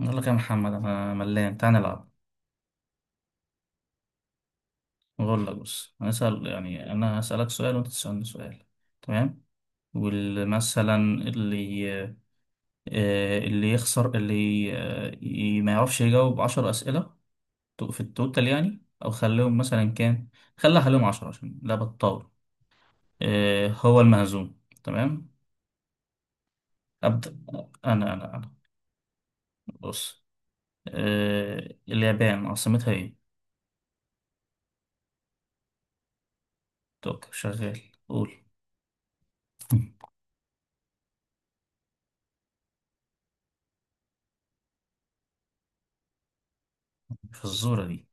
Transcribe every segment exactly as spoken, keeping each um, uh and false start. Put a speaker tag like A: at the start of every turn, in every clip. A: أقول لك يا محمد، أنا ملان، تعال نلعب. أقول لك، بص، هنسأل يعني. أنا هسألك سؤال وأنت تسألني سؤال. تمام. ومثلا اللي آه، اللي يخسر، اللي آه، ي- ما يعرفش يجاوب عشر أسئلة تو- في التوتال يعني، أو خليهم مثلا كام؟ خليها خليهم عشرة عشان لعبة الطاولة. آه، هو المهزوم، تمام. أبدأ. أنا أنا أنا. بص، آه، اليابان عاصمتها إيه؟ توك شغال. قول. في الزورة دي.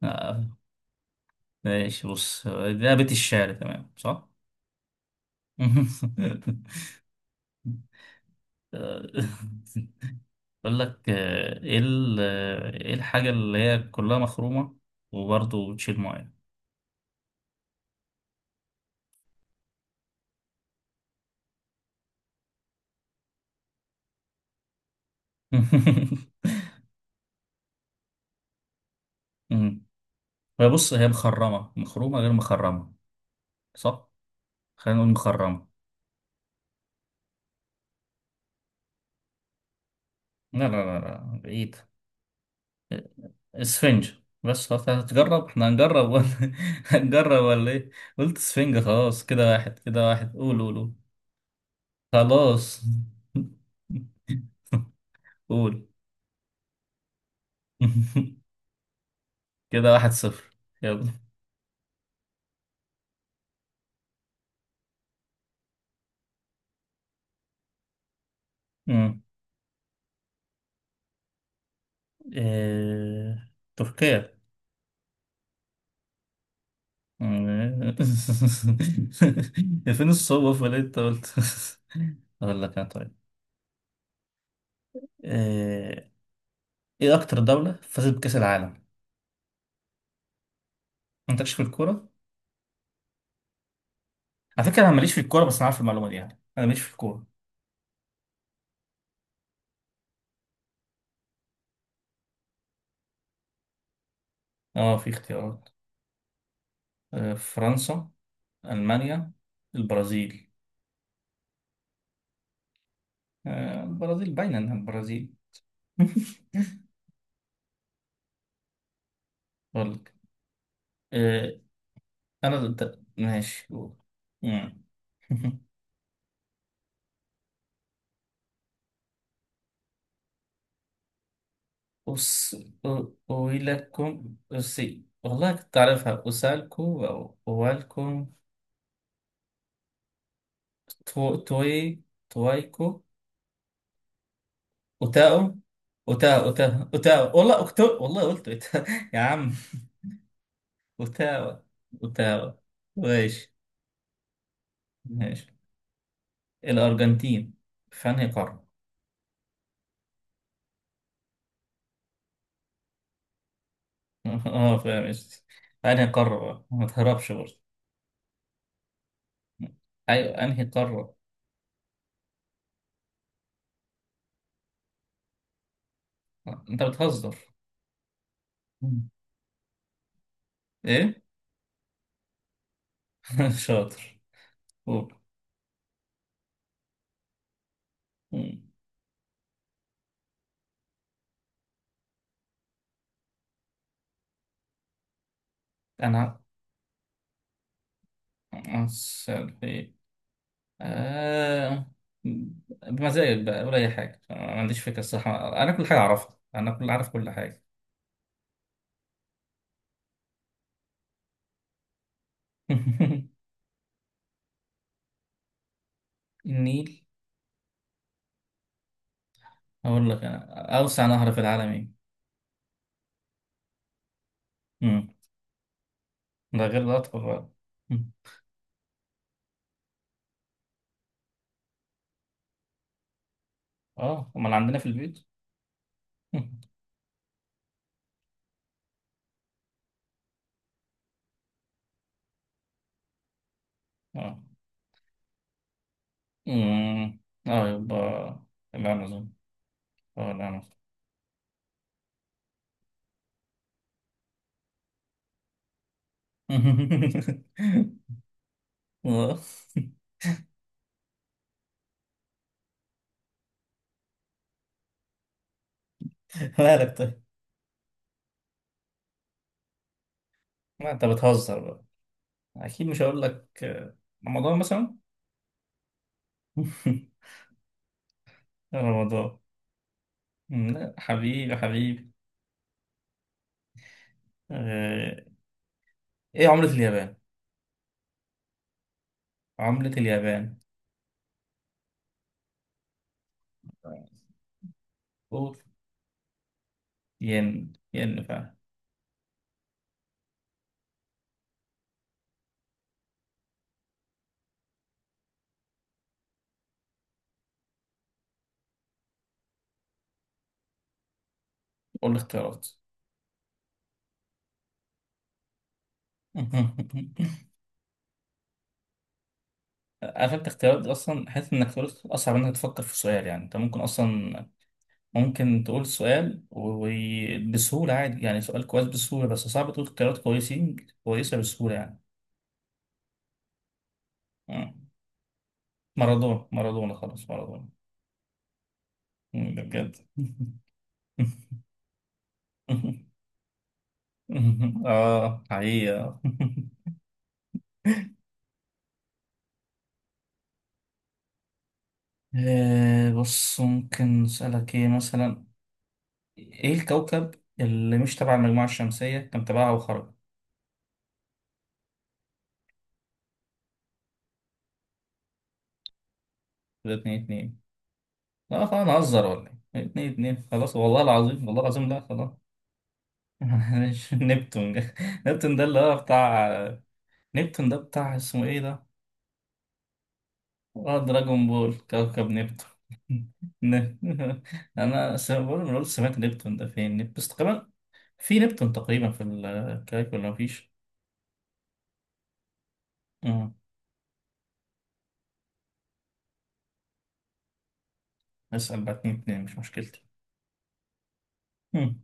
A: ماشي، بص، لعبة الشعر، تمام، صح؟ أقول لك، آه، إيه ال- آه، إيه الحاجة اللي هي كلها مخرومة وبرضه بتشيل مية؟ مم. هي بص، هي مخرمة، مخرومة غير مخرمة، صح؟ خلينا نقول مخرمة. لا لا لا لا، بعيد. اسفنج. بس خلاص، هتجرب احنا هنجرب ولا؟ هنجرب ولا ايه؟ قلت اسفنج خلاص. كده واحد، كده واحد. قول قول قول. خلاص. قول. كده واحد صفر. يلا. مم. إيه... تركيا. مم. فين الصوبة ولا انت قلت؟ اقول لك انا، طيب. إيه... ايه اكتر دولة فازت بكأس العالم؟ انت مالكش في الكورة. على فكرة انا ماليش في الكورة، بس انا عارف المعلومة دي يعني، انا ماليش في الكورة. اه، في اختيارات. آه، فرنسا، المانيا، البرازيل. آه، البرازيل باينة انها البرازيل. اقول لك، آه، انا ضد. ماشي، قول. مم. أس... أ- أويلكم. أسي، والله كنت أعرفها. أسالكو أو أوالكم. تو... توي تويكو. أوتاو أوتاو أوتاو أوتاو، والله أكتو، والله قلت أوتاو. يا عم. أوتاو. أوتاو. ماشي. ماشي. الأرجنتين في أنهي قارة؟ أه، فاهم قصدي. في أنهي قارة بقى؟ ما تهربش برضه. أيوة، أنهي قارة؟ أنت بتهزر. ايه. شاطر. قول. مم. انا اسال في ايه. آه... بمزاجك بقى ولا اي حاجه. أنا ما عنديش فكره الصح. انا كل حاجه اعرفها، انا كل عارف كل حاجه. النيل. هقول لك انا، اوسع نهر في العالم ايه؟ مم. ده غير الاطول بقى. مم. اه، امال عندنا في البيت. مم. اه. مم. اه، يبقى الامازون. اه، الامازون. آه. مالك؟ طيب. ما انت بتهزر بقى، اكيد مش هقول لك، آه، رمضان مثلا. رمضان. مم، لا حبيبي حبيبي. آه، ايه عملة اليابان؟ عملة اليابان. قول. ين، ين فعلا. قول الاختيارات. عارف انت اختيارات اصلا، حاسس انك تقول، اصعب انك تفكر في السؤال يعني. انت ممكن اصلا ممكن تقول السؤال وبسهولة عادي يعني، سؤال كويس بسهولة، بس صعب تقول اختيارات كويسين كويسة بسهولة يعني. مم. مارادونا، مارادونا خلاص، مارادونا. مم، ده بجد. اه حقيقة. آه، بص، ممكن أسألك ايه مثلا. ايه الكوكب اللي مش تبع المجموعة الشمسية، كان تبعها وخرج؟ ده اتنين اتنين. لا خلاص، نهزر ولا ايه؟ اتنين اتنين خلاص، والله العظيم، والله العظيم، لا خلاص. مش نبتون. نبتون ده اللي هو بتاع. نبتون ده بتاع اسمه ايه ده؟ اه، دراجون بول كوكب نبتون. ن- انا س- بقول بقول سمعت نبتون ده، فين نبتون؟ في نبتون تقريبا في الكايك ولا مفيش؟ مم. اسأل بقى، اتنين اتنين مش مشكلتي. مم.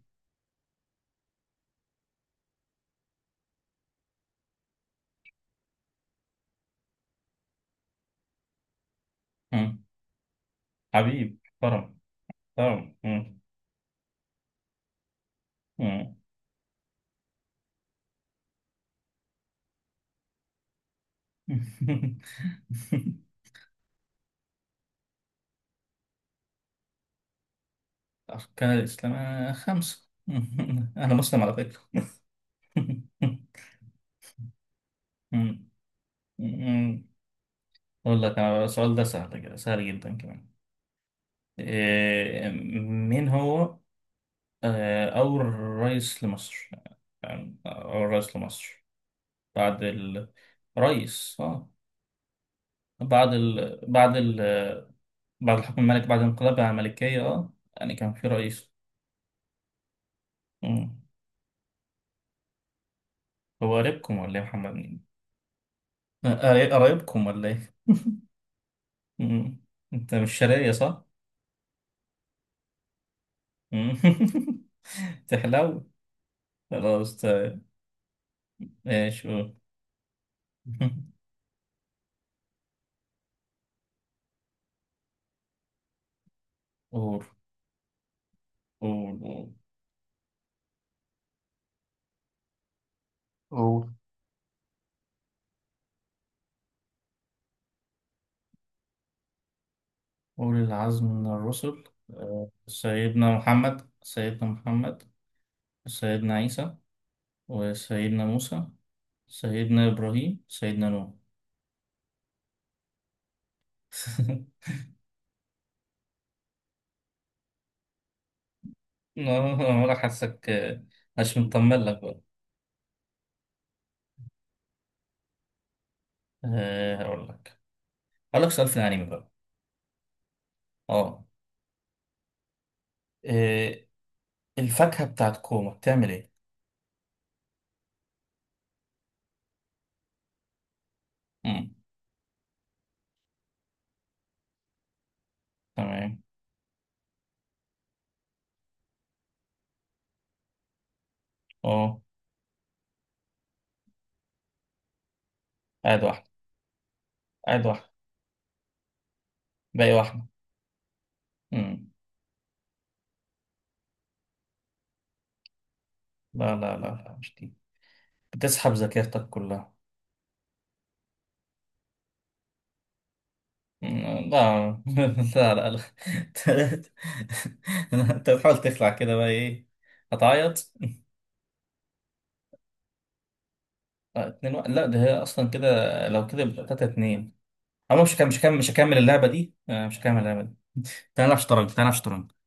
A: مم. حبيب كرم. كرم. مم. مم. أركان الإسلام آه، خمسة. مم. أنا مسلم على فكرة. مم. مم. أقول لك أنا بقى، السؤال ده سهل، كده سهل جدا كمان. إيه، مين هو آه، أول رئيس لمصر؟ آه، أول رئيس لمصر بعد الرئيس، بعد ال... بعد ال... بعد الحكم الملكي، بعد الانقلاب على الملكية، اه يعني كان في رئيس. مم. هو قريبكم ولا ايه يا محمد نجيب؟ قري- قرايبكم ولا ايه؟ مم. انت مش شرقية، صح؟ مم. تحلو. خلاص، طيب. ماشي، قول. قول قول قول. أوه. قول العزم من الرسل. آه، سيدنا محمد، سيدنا محمد، سيدنا عيسى، وسيدنا موسى، سيدنا إبراهيم، سيدنا نوح. آه، ولا حاسك آه، مش مطمن لك بقى. آه، هقول لك، هقول لك سؤال في الأنمي بقى. اه. آه، الفاكهة بتاعت كوما بتعمل ايه؟ مم. تمام. اه. قاعد واحدة. قاعد واحدة. باقي واحدة. مم. لا لا لا لا، مش دي. بتسحب ذاكرتك كلها. مم، لا. لا لا لا. انت بتحاول تخلع كده بقى ايه. هتعيط. آه، اتنين واحد. لا ده هي اصلا كده. لو كده يبقى تلاتة اتنين. أنا مش هكمل، مش هكمل، مش هكمل اللعبة دي. آه، مش هكمل اللعبة دي. تعالى نلعب شطرنج، تعالى نلعب شطرنج.